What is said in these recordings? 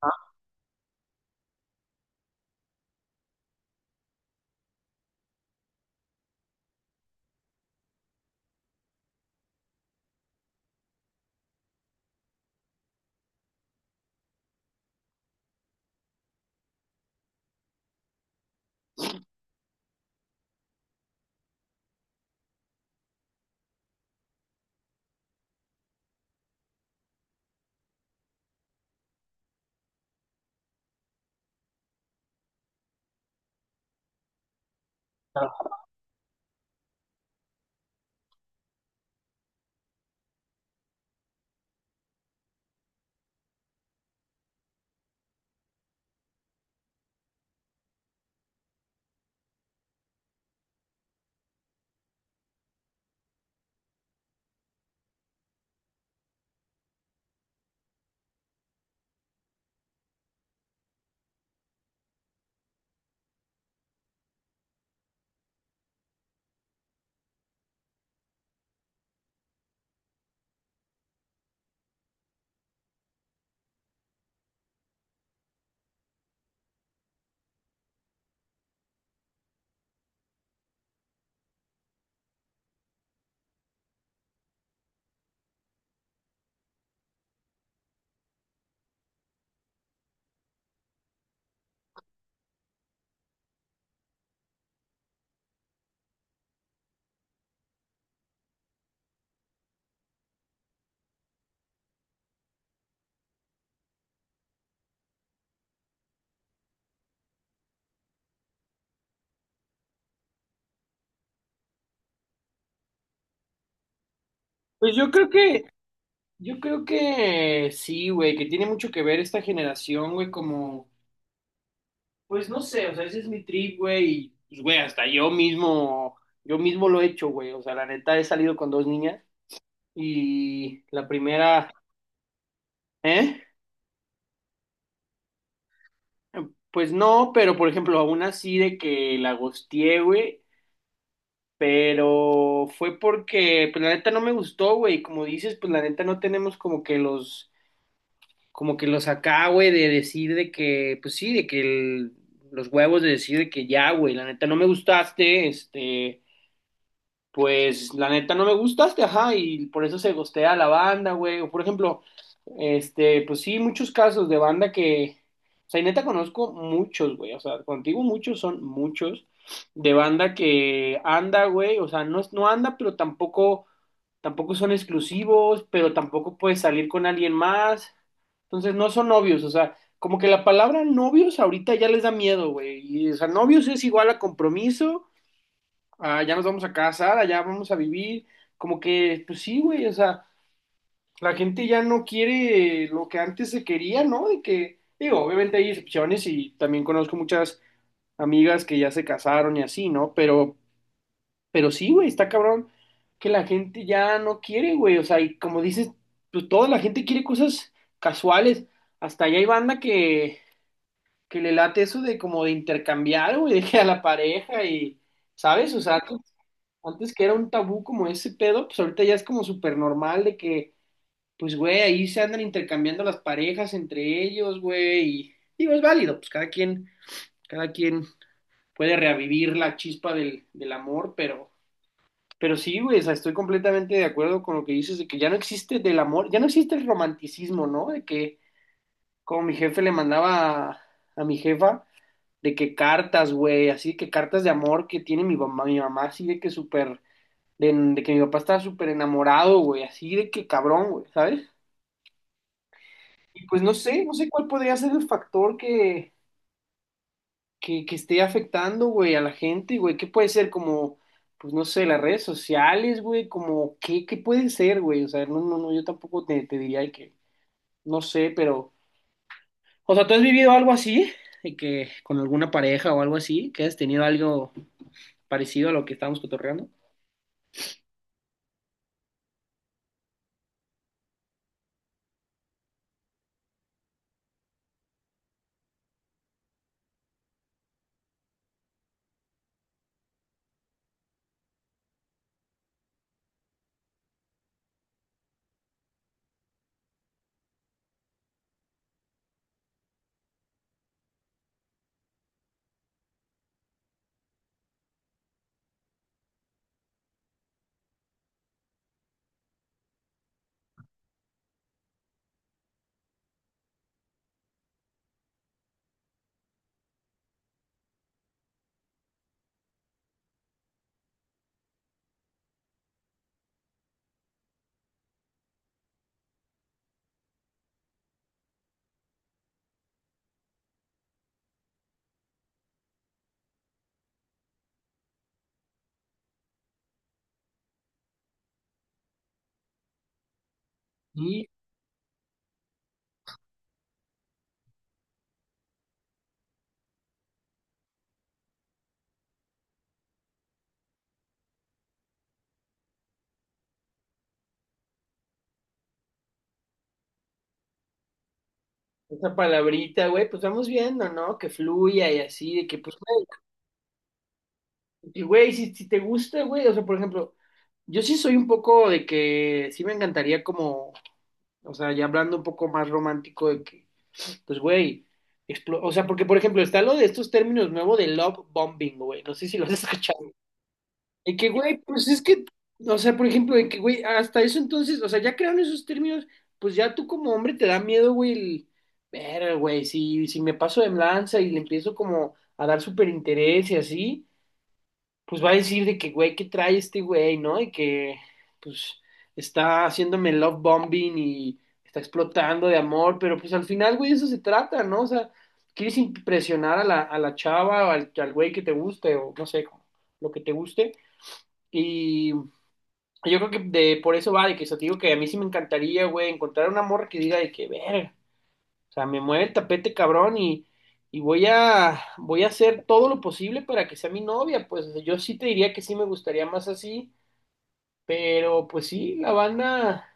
Ah. Pues yo creo que sí, güey, que tiene mucho que ver esta generación, güey, como, pues no sé, o sea, ese es mi trip, güey, y, pues, güey, hasta yo mismo lo he hecho, güey, o sea, la neta he salido con dos niñas y la primera, ¿eh? Pues no, pero por ejemplo, aún así de que la gosteé, güey, pero fue porque, pues la neta no me gustó, güey, como dices, pues la neta no tenemos como que los acá, güey, de decir de que, pues sí, de que los huevos de decir de que ya, güey, la neta no me gustaste, este, pues la neta no me gustaste, ajá, y por eso se gostea a la banda, güey, o por ejemplo, este, pues sí, muchos casos de banda que, o sea, y neta conozco muchos, güey, o sea, contigo muchos son muchos, de banda que anda, güey, o sea, no, no anda, pero tampoco, tampoco son exclusivos, pero tampoco puedes salir con alguien más. Entonces no son novios, o sea, como que la palabra novios ahorita ya les da miedo, güey. Y, o sea, novios es igual a compromiso, a ya nos vamos a casar, allá vamos a vivir, como que, pues sí, güey, o sea, la gente ya no quiere lo que antes se quería, ¿no? De que, digo, obviamente hay excepciones y también conozco muchas amigas que ya se casaron y así, ¿no? Pero sí, güey, está cabrón que la gente ya no quiere, güey, o sea, y como dices, pues toda la gente quiere cosas casuales. Hasta allá hay banda que le late eso de como de intercambiar, güey, de que a la pareja y, ¿sabes? O sea, antes, antes que era un tabú como ese pedo, pues ahorita ya es como súper normal de que, pues, güey, ahí se andan intercambiando las parejas entre ellos, güey, y digo, es válido, pues cada quien puede revivir la chispa del amor, pero sí, güey, o sea, estoy completamente de acuerdo con lo que dices de que ya no existe del amor, ya no existe el romanticismo, ¿no? De que como mi jefe le mandaba a mi jefa, de que cartas, güey, así de que cartas de amor que tiene mi mamá así de que súper, de que mi papá estaba súper enamorado, güey, así de que cabrón, güey, ¿sabes? Y pues no sé, no sé cuál podría ser el factor que esté afectando, güey, a la gente, güey, ¿qué puede ser como, pues no sé, las redes sociales, güey, como, ¿qué, qué puede ser, güey? O sea, no, no, no, yo tampoco te, te diría que, no sé, pero, o sea, ¿tú has vivido algo así? ¿De que con alguna pareja o algo así, que has tenido algo parecido a lo que estábamos cotorreando? Sí, esa palabrita, güey, pues vamos viendo, ¿no? Que fluya y así, de que, pues, güey, y, güey, si, si te gusta, güey, o sea, por ejemplo, yo sí soy un poco de que, sí me encantaría como, o sea, ya hablando un poco más romántico de que, pues, güey, o sea, porque, por ejemplo, está lo de estos términos nuevos de love bombing, güey, no sé si los has escuchado. Y que, güey, pues es que, o sea, por ejemplo, de que, güey, hasta eso entonces, o sea, ya crearon esos términos, pues ya tú como hombre te da miedo, güey, el, ver, güey, si, si me paso de lanza y le empiezo como a dar súper interés y así, pues va a decir de que, güey, ¿qué trae este güey, no? Y que, pues, está haciéndome love bombing y está explotando de amor, pero pues al final, güey, eso se trata, ¿no? O sea, quieres impresionar a la chava o al, al güey que te guste o no sé, lo que te guste. Y yo creo que de, por eso va, de que eso te digo que a mí sí me encantaría, güey, encontrar una morra que diga de que, verga, o sea, me mueve el tapete cabrón y voy a, voy a hacer todo lo posible para que sea mi novia, pues o sea, yo sí te diría que sí me gustaría más así, pero pues sí, la banda,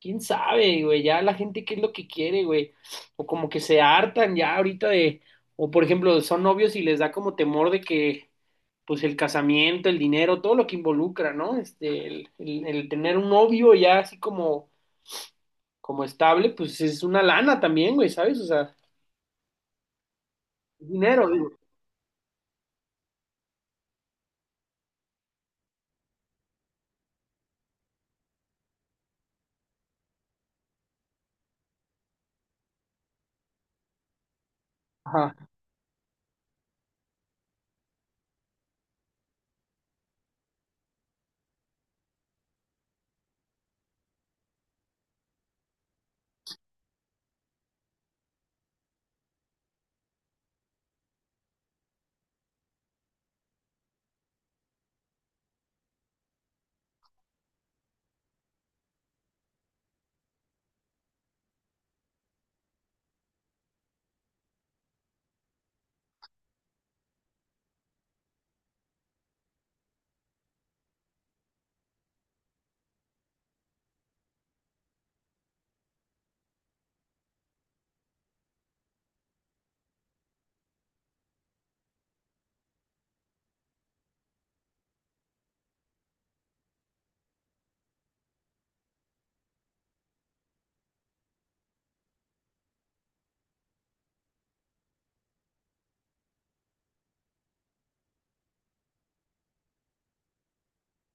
quién sabe, güey, ya la gente qué es lo que quiere, güey, o como que se hartan ya ahorita de, o por ejemplo, son novios y les da como temor de que, pues el casamiento, el dinero, todo lo que involucra, ¿no? Este, el tener un novio ya así como, como estable, pues es una lana también, güey, ¿sabes? O sea, dinero, digo. Ajá.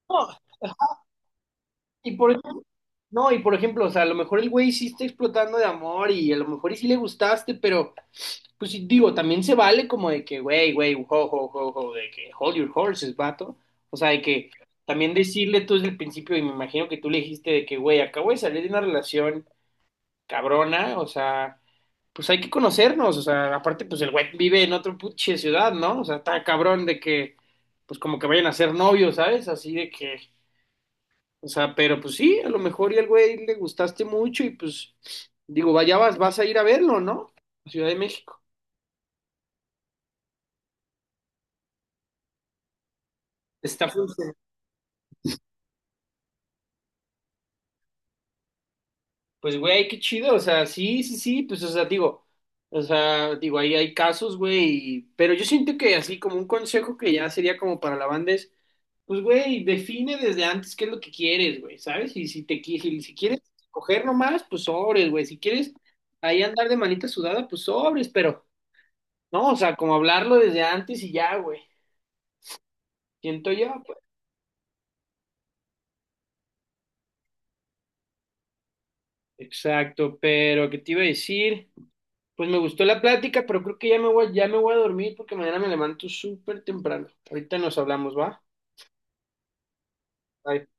No, y por, no, y por ejemplo, o sea, a lo mejor el güey sí está explotando de amor y a lo mejor y sí le gustaste, pero pues digo, también se vale como de que, güey, güey, ho, ho, ho, ho, de que hold your horses, vato. O sea, de que también decirle tú desde el principio, y me imagino que tú le dijiste de que, güey, acabo de salir de una relación cabrona, o sea, pues hay que conocernos, o sea, aparte, pues el güey vive en otro puche ciudad, ¿no? O sea, está cabrón de que, pues como que vayan a ser novios, ¿sabes? Así de que, o sea, pero pues sí, a lo mejor y al güey le gustaste mucho y pues, digo, vaya, vas, vas a ir a verlo, ¿no? A Ciudad de México. Está. Pues, güey, qué chido, o sea, sí, sí, sí, pues, o sea, digo, ahí hay casos, güey, pero yo siento que así como un consejo que ya sería como para la banda es, pues, güey, define desde antes qué es lo que quieres, güey, ¿sabes? Y si te si, si quieres coger nomás, pues sobres, güey, si quieres ahí andar de manita sudada, pues sobres, pero, no, o sea, como hablarlo desde antes y ya, güey, siento yo, pues. Exacto, pero, ¿qué te iba a decir? Pues me gustó la plática, pero creo que ya me voy a dormir porque mañana me levanto súper temprano. Ahorita nos hablamos, ¿va? Bye.